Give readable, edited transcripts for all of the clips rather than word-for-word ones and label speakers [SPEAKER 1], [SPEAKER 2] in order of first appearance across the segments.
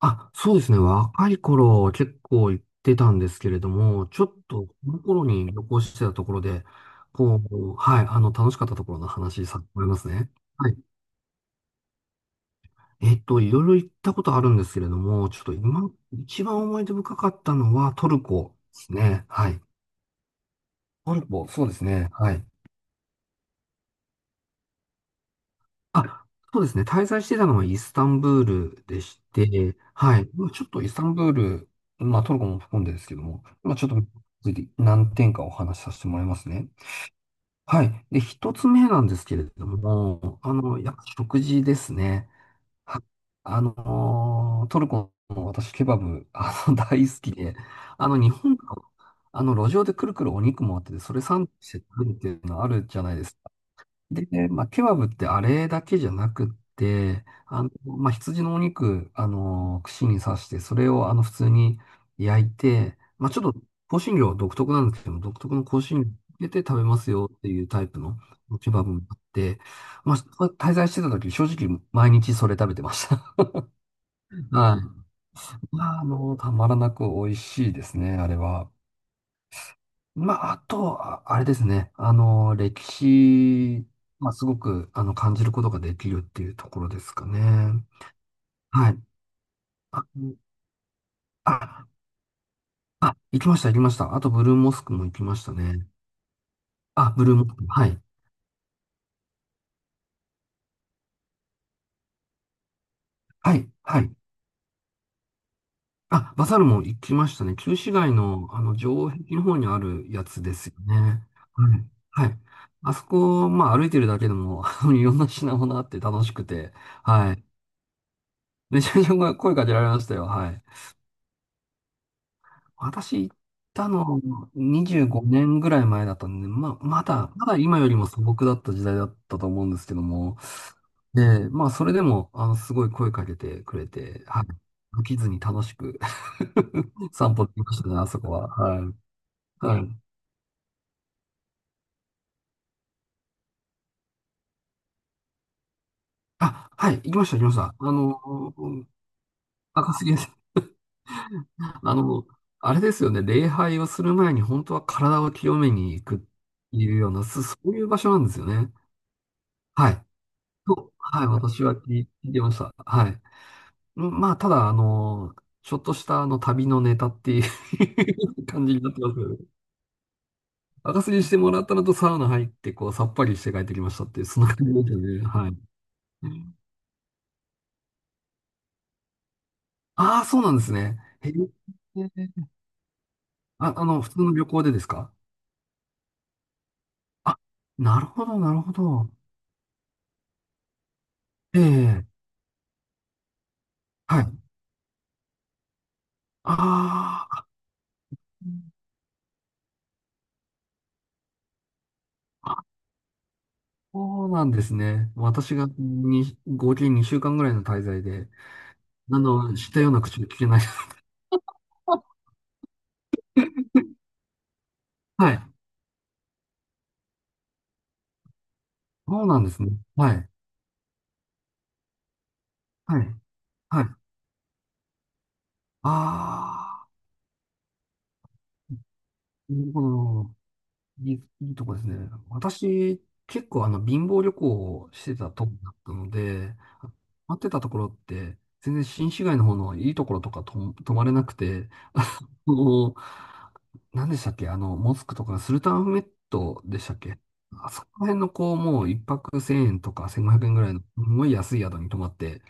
[SPEAKER 1] あ、そうですね。若い頃結構行ってたんですけれども、ちょっとこの頃に旅行してたところで、こう、はい、楽しかったところの話させてもらいますね。はい。いろいろ行ったことあるんですけれども、ちょっと今、一番思い出深かったのはトルコですね。はい。トルコ、そうですね。はい。あ、そうですね。滞在してたのはイスタンブールでして、はい。まあちょっとイスタンブール、まあトルコも含んでですけども、まあちょっと次何点かお話しさせてもらいますね。はい。で、一つ目なんですけれども、やっぱ食事ですね。はトルコの私、ケバブ、大好きで、日本の、路上でくるくるお肉もあって、それサンドして食べるっていうのあるじゃないですか。で、まあ、ケバブってあれだけじゃなくって、まあ、羊のお肉、串に刺して、それを普通に焼いて、まあ、ちょっと香辛料は独特なんですけども、独特の香辛料を入れて食べますよっていうタイプのケバブもあって、まあ、滞在してた時、正直毎日それ食べてました。はい。まあ、たまらなく美味しいですね、あれは。まあ、あと、ああれですね。歴史、まあ、すごく、感じることができるっていうところですかね。はい。あ、あ、あ、行きました、行きました。あと、ブルーモスクも行きましたね。あ、ブルーモスク、はい。はい、はい。あ、バサルも行きましたね。旧市街の、城壁の方にあるやつですよね。はい、はい。あそこ、まあ、歩いてるだけでも、あのいろんな品物あって楽しくて、はい。めちゃめちゃ声かけられましたよ。はい。私行ったの25年ぐらい前だったんで、まあ、まだ、まだ今よりも素朴だった時代だったと思うんですけども、で、まあ、それでも、すごい声かけてくれて、はい。飽きずに楽しく 散歩できましたね、あそこは。はい。はい。あ、はい、行きました、行きました。赤杉さんあれですよね、礼拝をする前に本当は体を清めに行くっていうような、そういう場所なんですよね。はい。と、はい、私は聞いてました。はい。うんまあ、ただ、ちょっとしたあの旅のネタっていう 感じになってますけど、赤すりしてもらったのとサウナ入って、こう、さっぱりして帰ってきましたっていう、そんな感じですよね。はい。ああ、そうなんですね。へえ。あ、普通の旅行でですか？あ、なるほど、なるほど。ええ、はい。あーあ、そうなんですね。私がに合計2週間ぐらいの滞在で、したような口で聞けない。はい。そうなんですね。はい。はい。はい。ああ、なるほど。いい、いいとこですね。私、結構貧乏旅行をしてたとこだったので、待ってたところって、全然新市街の方のいいところとかと泊まれなくて、の、何でしたっけあの、モスクとかスルタンアフメットでしたっけ？あそこら辺のこう、もう一泊1000円とか1500円ぐらいの、すごい安い宿に泊まって、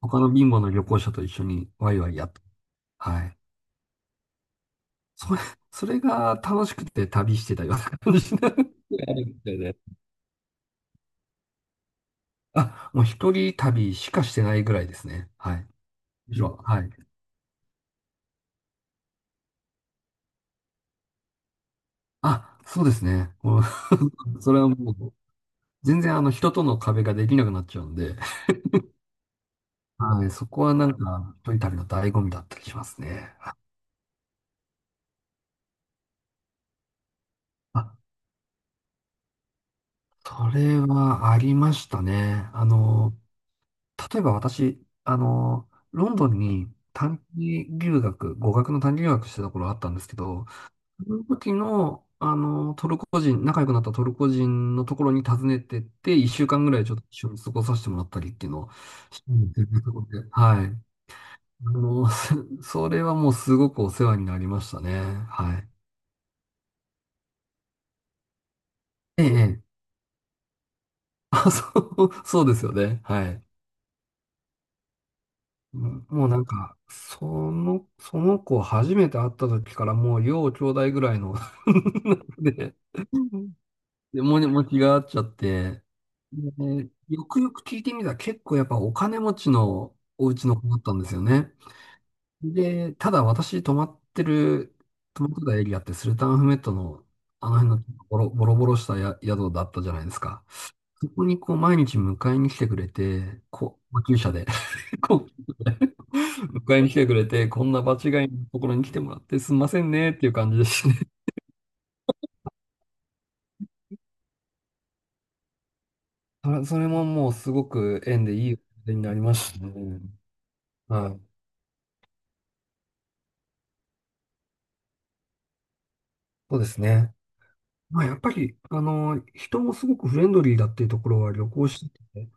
[SPEAKER 1] 他の貧乏の旅行者と一緒にワイワイやっと。はい。それ、それが楽しくて旅してたような感じになるあるみたいで。あ、もう一人旅しかしてないぐらいですね。はい。以上はい。あ、そうですね。もう それはもう、全然あの人との壁ができなくなっちゃうんで、はい、そこはなんか一人旅の醍醐味だったりしますね。あ、それはありましたね。例えば私、ロンドンに短期留学、語学の短期留学してた頃あったんですけど、その時の、トルコ人、仲良くなったトルコ人のところに訪ねてって、一週間ぐらいちょっと一緒に過ごさせてもらったりっていうのを、うんではい。そそれはもうすごくお世話になりましたね。はい。ええ、ええ、あ、そう、そうですよね。はい。もうもうなんか、その子初めて会った時からもう要兄弟ぐらいの で、うで、もに、持ちがあっちゃって、で、よくよく聞いてみたら結構やっぱお金持ちのお家の子だったんですよね。で、ただ私泊まってる、泊まってたエリアってスルタンアフメットのあの辺のボロボロボロしたや宿だったじゃないですか。そこにこう毎日迎えに来てくれて、こう、救車で こう、迎えに来てくれて、こんな場違いのところに来てもらってすんませんねっていう感じですね。それももうすごく縁でいい思い出になりましたね。はい。そうですね。まあやっぱり、人もすごくフレンドリーだっていうところは旅行してて、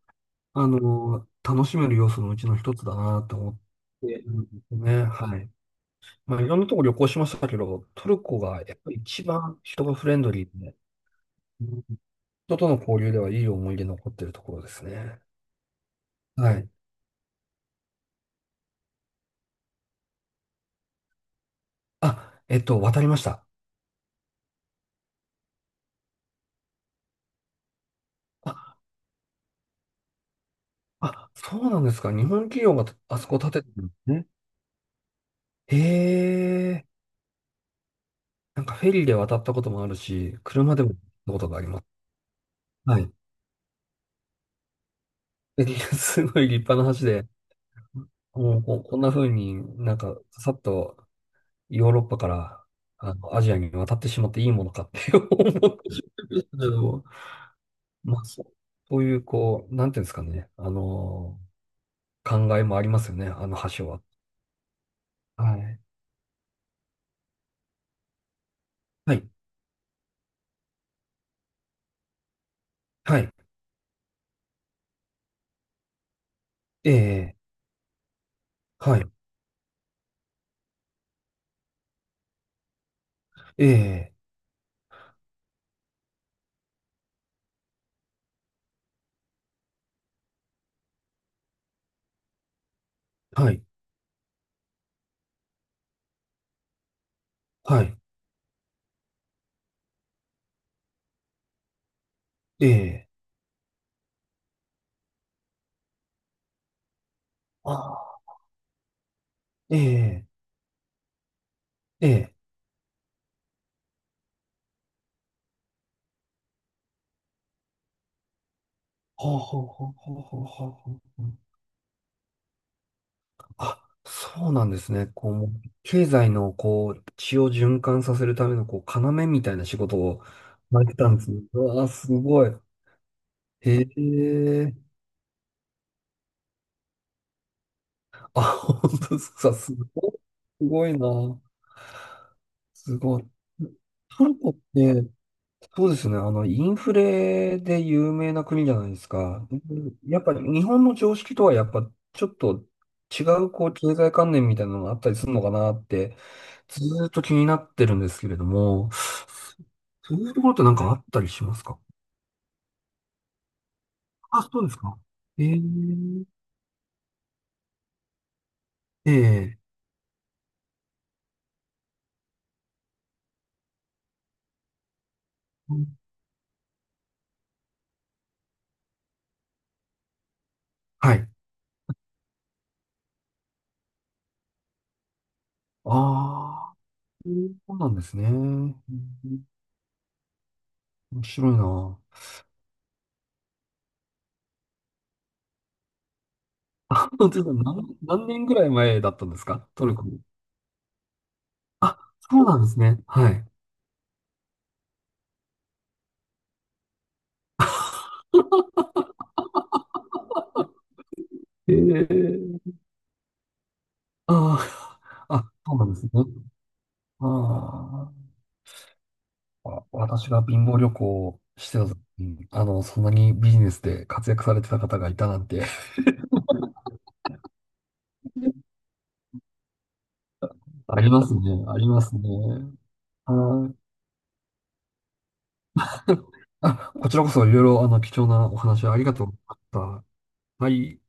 [SPEAKER 1] 楽しめる要素のうちの一つだなと思ってるんですね。はい。まあ、いろんなとこ旅行しましたけど、トルコがやっぱり一番人がフレンドリーで、うん人との交流ではいい思い出残ってるところですね。はい。あ、渡りました。あ、あ、そうなんですか。日本企業があそこ建ててるんですね。へえ、なんかフェリーで渡ったこともあるし、車でも行ったことがあります。はい。すごい立派な橋で、もうこうこんな風になんかさっとヨーロッパからあのアジアに渡ってしまっていいものかって 思ってしまいましたけど、まあ、そうそういう、こう、なんていうんですかね、考えもありますよね、あの橋は。はい。はい。はい。ええ、はい。ええ、はい。はい。ええ、ああ、ええ、ええ、ほうほうほうほうほうほうほう。あ、そうなんですね。こう、もう経済の、こう、血を循環させるための、こう、要みたいな仕事をされてたんですね。うわあ、すごい。へえ。あ、本当ですか。すごい。すごいな。すごい。トルコって、そうですね。インフレで有名な国じゃないですか。うんやっぱり日本の常識とはやっぱちょっと違うこう経済観念みたいなのがあったりするのかなってずーっと気になってるんですけれども、そういうところってなんかあったりしますか？あ、そうですか。ええええうんはい。ああ、そうなんですね。うん面白いな。あ、本当ですか？何、何年ぐらい前だったんですかトルコに。あ、そうなんですね。はい。ええああ、あ、そうなんですね。ああ、わ私が貧乏旅行をしてた時に、そんなにビジネスで活躍されてた方がいたなんて、ありますね、ありますね。はい。あ、こちらこそいろいろ、貴重なお話ありがとうございました。はい。